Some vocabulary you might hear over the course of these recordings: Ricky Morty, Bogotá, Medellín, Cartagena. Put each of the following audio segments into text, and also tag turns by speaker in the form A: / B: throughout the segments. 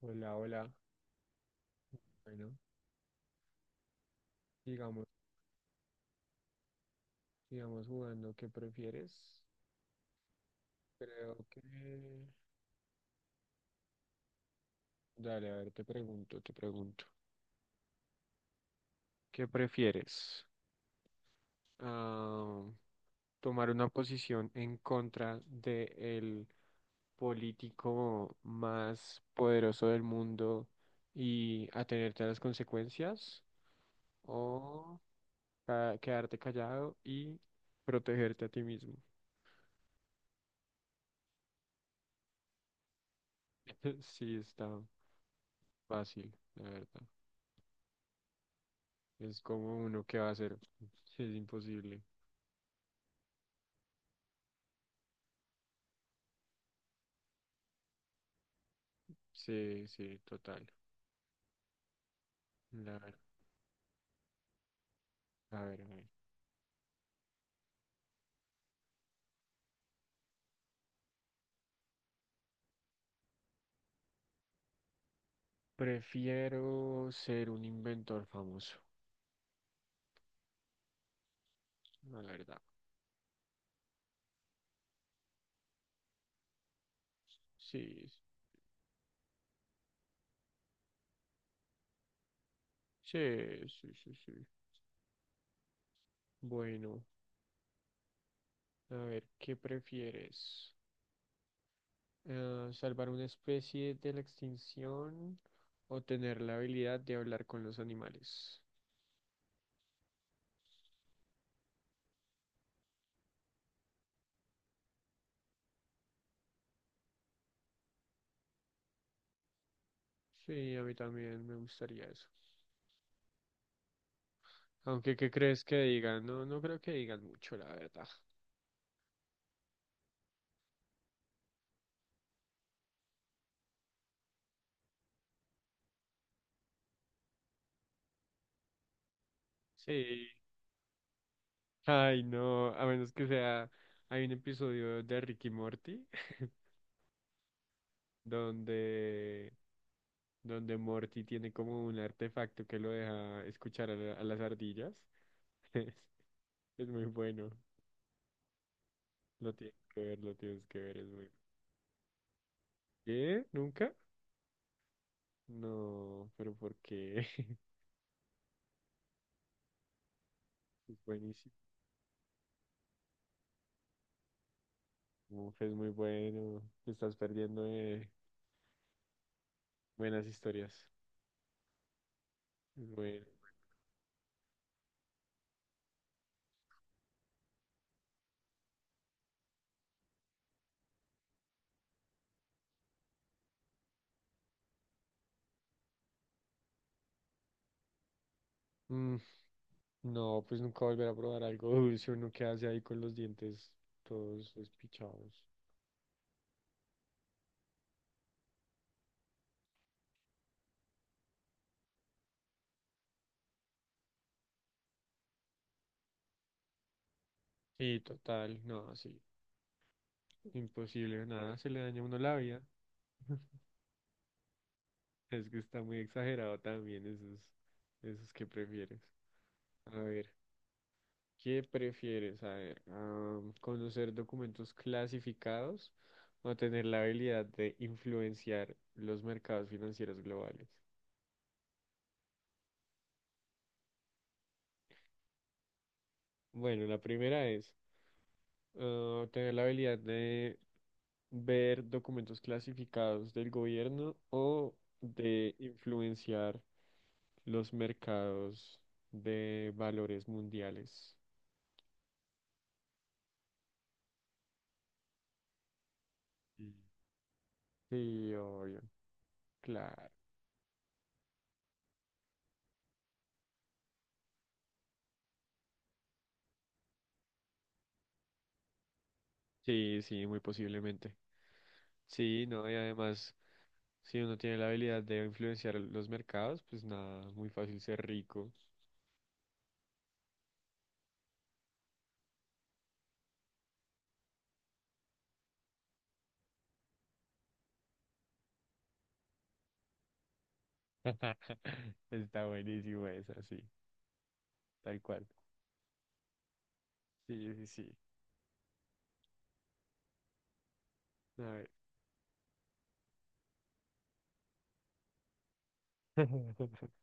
A: Hola, hola. Bueno, sigamos, sigamos jugando. ¿Qué prefieres? Creo que... Dale, a ver, te pregunto, te pregunto. ¿Qué prefieres? Ah, ¿Tomar una posición en contra de el político más poderoso del mundo y atenerte a las consecuencias? ¿O quedarte callado y protegerte a ti mismo? Sí, está fácil, la verdad. Es como uno que va a hacer. Es imposible. Sí, sí, total. La ver- a ver, a ver. Prefiero ser un inventor famoso, la verdad. Sí, sí, sí, sí, sí. Bueno, a ver, ¿qué prefieres? ¿Salvar una especie de la extinción o tener la habilidad de hablar con los animales? Sí, a mí también me gustaría eso. Aunque, ¿qué crees que digan? No, no creo que digan mucho, la verdad. Sí, ay, no, a menos que sea, hay un episodio de Ricky Morty donde, donde Morty tiene como un artefacto que lo deja escuchar a, a las ardillas. Es es muy bueno, lo tienes que ver, lo tienes que ver, es muy ¿qué? ¿Nunca? No, pero ¿por qué? Es buenísimo, uf, es muy bueno, te estás perdiendo de buenas historias. Es bueno. Mm. No, pues nunca volver a probar algo dulce, uno que hace ahí con los dientes todos despichados. Sí, total, no, sí, imposible, nada, se le daña a uno la vida. Es que está muy exagerado también esos, esos que prefieres. A ver, ¿qué prefieres? A ver, ah, ¿conocer documentos clasificados o tener la habilidad de influenciar los mercados financieros globales? Bueno, la primera es ah, tener la habilidad de ver documentos clasificados del gobierno o de influenciar los mercados de valores mundiales. Mm. Sí, obvio, claro. Sí, sí, muy posiblemente. Sí, no, y además, si uno tiene la habilidad de influenciar los mercados, pues nada, muy fácil ser rico. Está buenísimo esa, sí, tal cual. Sí, sí, sí. A ver.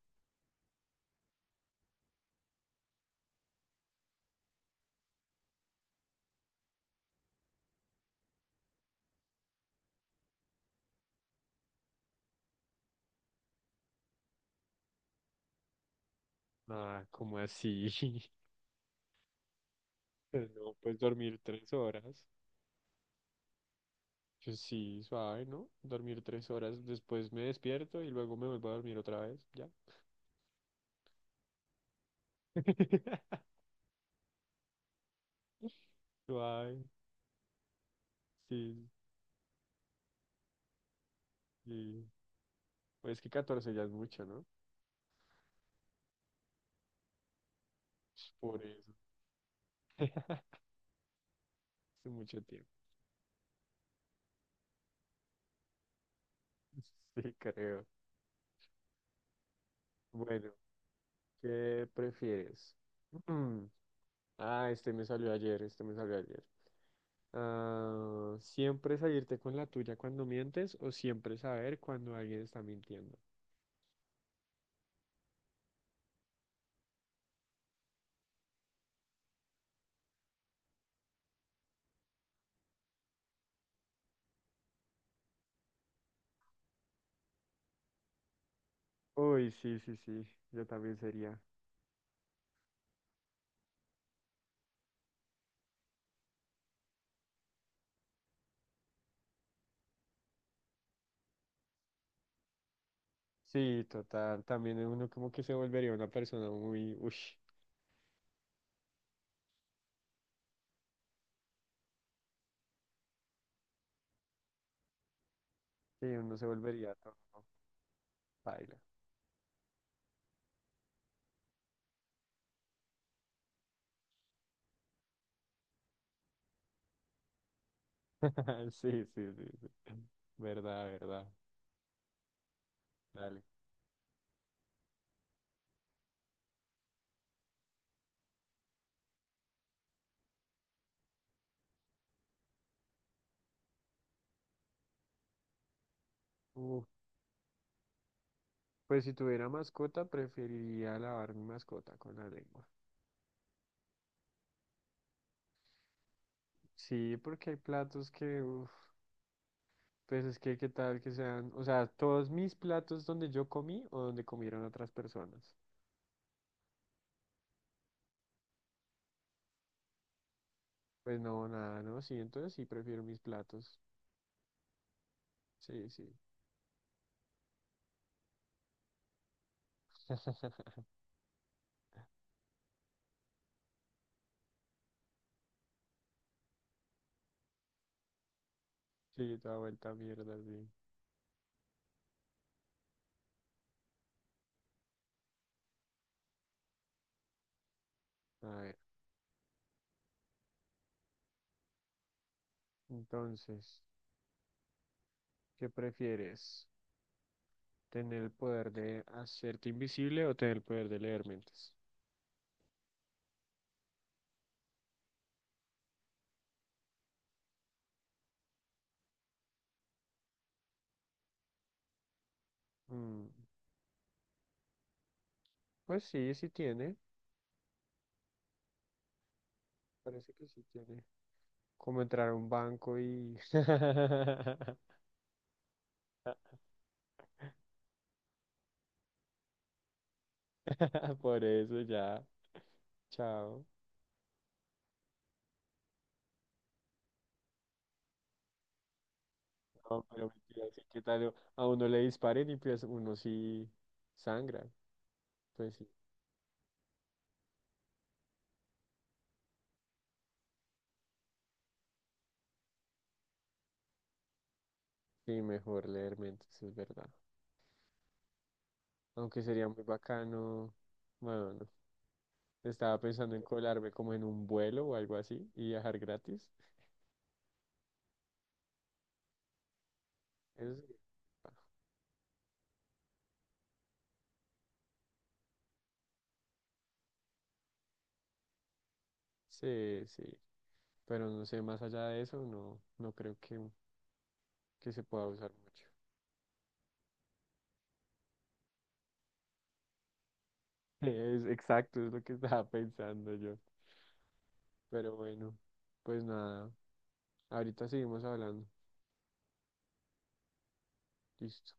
A: Nada, como así? Pero no, pues dormir tres horas. Yo sí, suave, ¿no? Dormir tres horas, después me despierto y luego me vuelvo a dormir otra vez, ya. Suave, sí, sí. Pues es que 14 ya es mucho, ¿no? Por eso, es mucho tiempo. Sí, creo. Bueno, ¿qué prefieres? Mm, ah, este me salió ayer, este me salió ayer. Ah, ¿siempre salirte con la tuya cuando mientes o siempre saber cuando alguien está mintiendo? Uy, sí, sí, sí, yo también sería. Sí, total, también uno como que se volvería una persona muy, ush, sí, uno se volvería todo, paila. Sí, sí, sí, sí, verdad, verdad, dale. Uh, pues si tuviera mascota, preferiría lavar mi mascota con la lengua. Sí, porque hay platos que, uf, pues es que qué tal que sean, o sea, todos mis platos donde yo comí o donde comieron otras personas. Pues no, nada, ¿no? Sí, entonces sí prefiero mis platos. Sí, sí. Sí, da vuelta a mierda, sí. A ver, entonces, ¿qué prefieres? ¿Tener el poder de hacerte invisible o tener el poder de leer mentes? Mm, pues sí, sí tiene. Parece que sí tiene. Como entrar a un banco y... Por eso ya. Chao. No, pero mentira, sí, ¿qué tal? A uno le disparen y pues uno sí sangra. Pues sí, sí, mejor leer mentes, es verdad. Aunque sería muy bacano. Bueno, no. Estaba pensando en colarme como en un vuelo o algo así y viajar gratis. Eso sí. Sí, sí, pero no sé, más allá de eso, no, no creo que se pueda usar mucho. Es exacto, es lo que estaba pensando yo. Pero bueno, pues nada, ahorita seguimos hablando. Listo.